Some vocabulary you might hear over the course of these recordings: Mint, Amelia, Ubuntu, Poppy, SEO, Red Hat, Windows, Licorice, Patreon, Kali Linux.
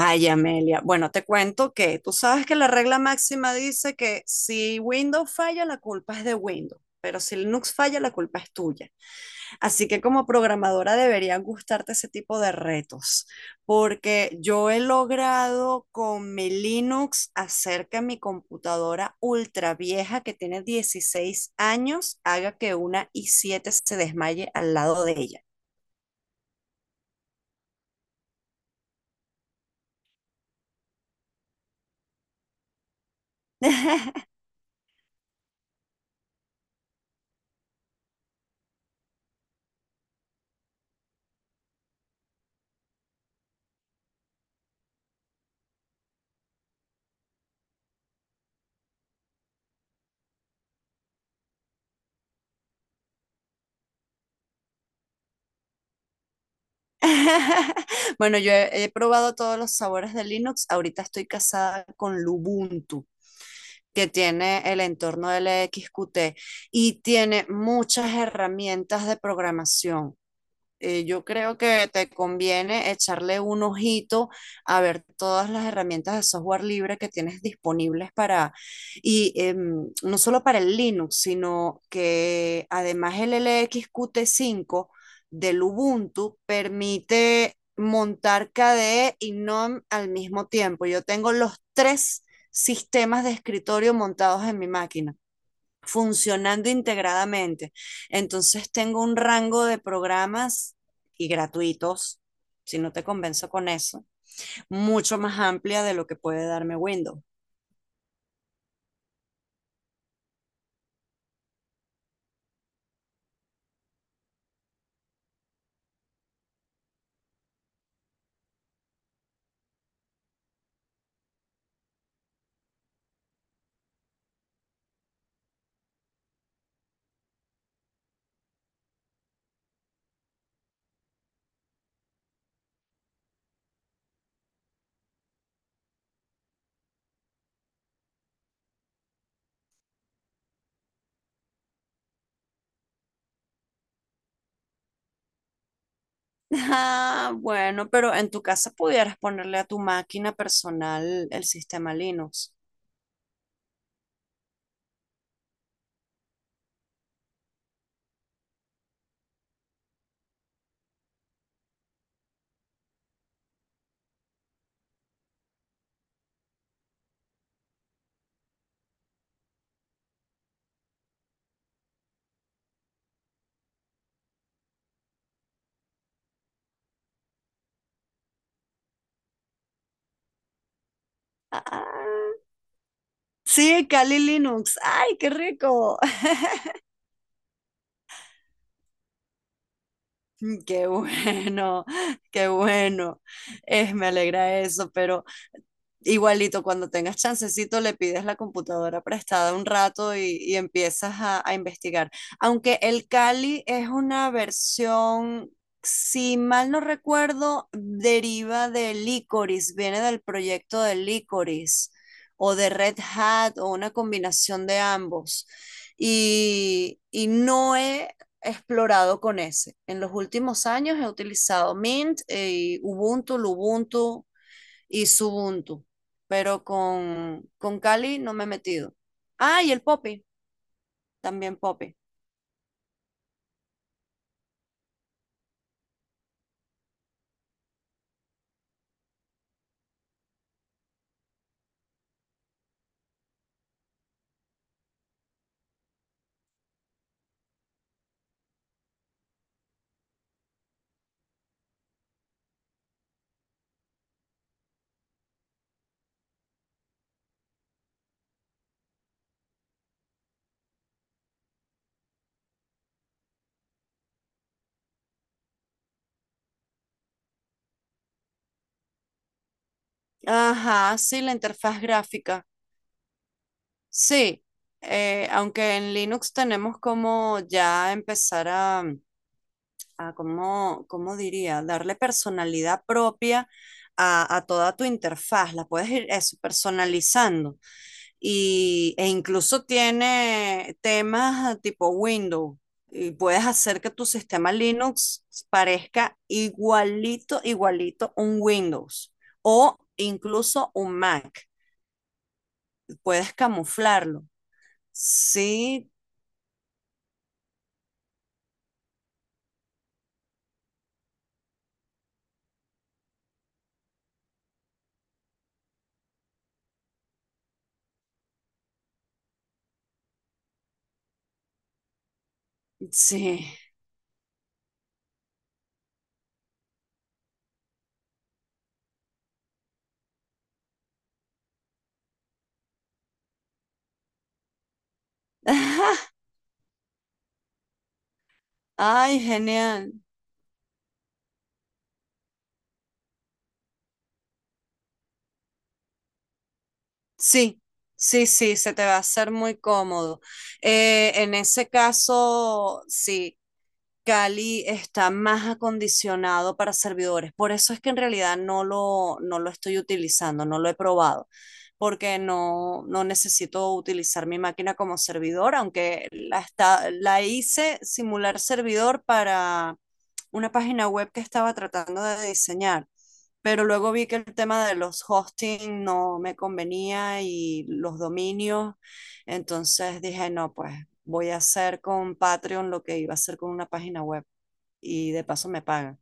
Ay, Amelia, bueno, te cuento que tú sabes que la regla máxima dice que si Windows falla, la culpa es de Windows, pero si Linux falla, la culpa es tuya. Así que como programadora deberían gustarte ese tipo de retos, porque yo he logrado con mi Linux hacer que mi computadora ultra vieja que tiene 16 años haga que una i7 se desmaye al lado de ella. Bueno, yo he probado todos los sabores de Linux. Ahorita estoy casada con Lubuntu, que tiene el entorno LXQT y tiene muchas herramientas de programación. Yo creo que te conviene echarle un ojito a ver todas las herramientas de software libre que tienes disponibles para, y no solo para el Linux, sino que además el LXQT 5 del Ubuntu permite montar KDE y GNOME al mismo tiempo. Yo tengo los tres sistemas de escritorio montados en mi máquina funcionando integradamente. Entonces tengo un rango de programas y gratuitos, si no te convenzo con eso, mucho más amplia de lo que puede darme Windows. Ah, bueno, pero en tu casa pudieras ponerle a tu máquina personal el sistema Linux. Ah, sí, Kali Linux. ¡Ay, qué rico! Qué bueno, qué bueno. Es, me alegra eso, pero igualito, cuando tengas chancecito, le pides la computadora prestada un rato y empiezas a investigar. Aunque el Kali es una versión, si mal no recuerdo, deriva de Licorice, viene del proyecto de Licorice o de Red Hat o una combinación de ambos. Y no he explorado con ese. En los últimos años he utilizado Mint, y Ubuntu, Lubuntu y Ubuntu, pero con Kali no me he metido. Ah, y el Poppy, también Poppy. Ajá, sí, la interfaz gráfica. Sí, aunque en Linux tenemos como ya empezar a ¿cómo diría? Darle personalidad propia a toda tu interfaz, la puedes ir eso, personalizando. E incluso tiene temas tipo Windows y puedes hacer que tu sistema Linux parezca igualito, igualito un Windows o incluso un Mac. Puedes camuflarlo. Sí, sí. Ay, genial. Sí, sí, sí, se te va a hacer muy cómodo. En ese caso, sí, Cali está más acondicionado para servidores. Por eso es que en realidad no lo estoy utilizando, no lo he probado, porque no necesito utilizar mi máquina como servidor, aunque la, está, la hice simular servidor para una página web que estaba tratando de diseñar, pero luego vi que el tema de los hosting no me convenía y los dominios. Entonces dije, no, pues voy a hacer con Patreon lo que iba a hacer con una página web y de paso me pagan.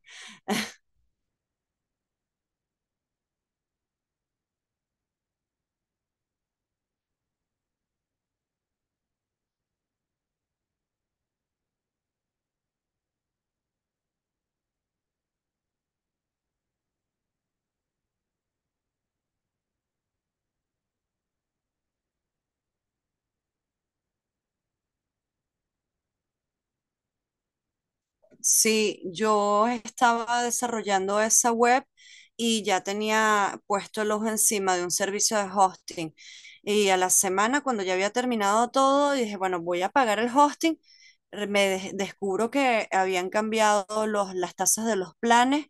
Sí, yo estaba desarrollando esa web y ya tenía puesto el ojo encima de un servicio de hosting. Y a la semana, cuando ya había terminado todo, dije, bueno, voy a pagar el hosting. Descubro que habían cambiado las tasas de los planes,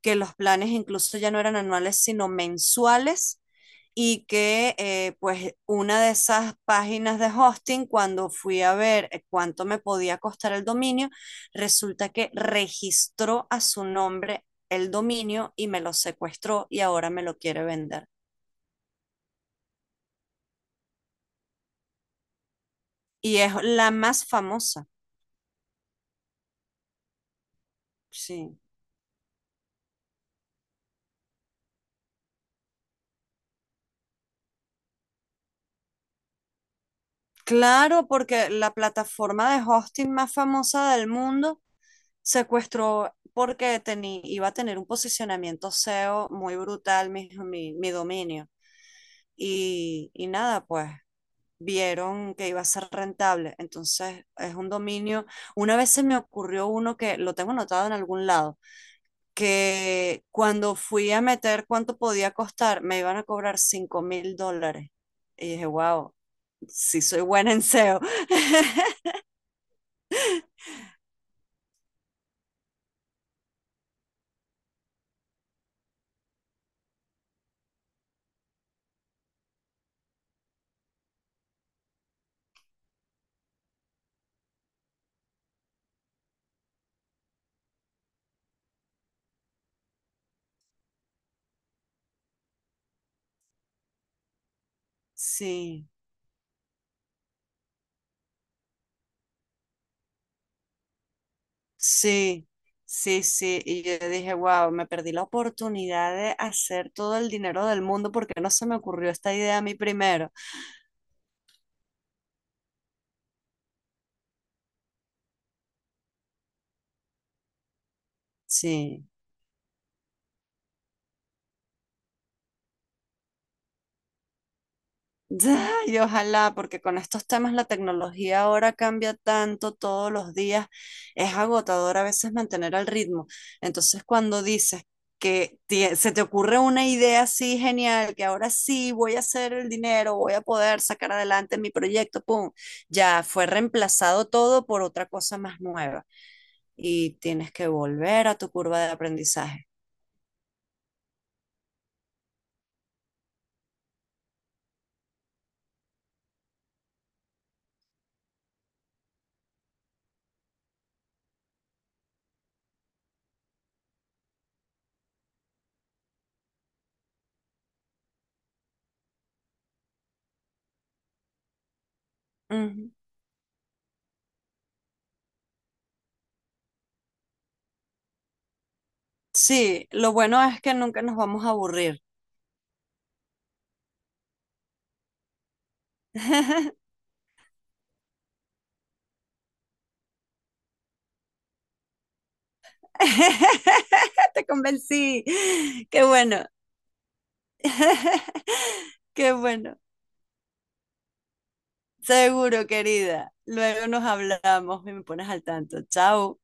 que los planes incluso ya no eran anuales, sino mensuales. Y que pues una de esas páginas de hosting, cuando fui a ver cuánto me podía costar el dominio, resulta que registró a su nombre el dominio y me lo secuestró y ahora me lo quiere vender. Y es la más famosa, sí. Claro, porque la plataforma de hosting más famosa del mundo secuestró porque tenía, iba a tener un posicionamiento SEO muy brutal mi dominio. Y nada, pues vieron que iba a ser rentable. Entonces es un dominio. Una vez se me ocurrió uno que lo tengo anotado en algún lado que cuando fui a meter cuánto podía costar, me iban a cobrar $5.000. Y dije, wow, sí soy buena en SEO. Sí, sí, sí, sí. Y yo dije, wow, me perdí la oportunidad de hacer todo el dinero del mundo porque no se me ocurrió esta idea a mí primero. Sí. Ya, y ojalá, porque con estos temas la tecnología ahora cambia tanto todos los días, es agotador a veces mantener al ritmo. Entonces, cuando dices que se te ocurre una idea así genial, que ahora sí voy a hacer el dinero, voy a poder sacar adelante mi proyecto, pum, ya fue reemplazado todo por otra cosa más nueva y tienes que volver a tu curva de aprendizaje. Ujú. Sí, lo bueno es que nunca nos vamos a aburrir. Te convencí. Qué bueno. Qué bueno. Seguro, querida. Luego nos hablamos y me pones al tanto. Chao.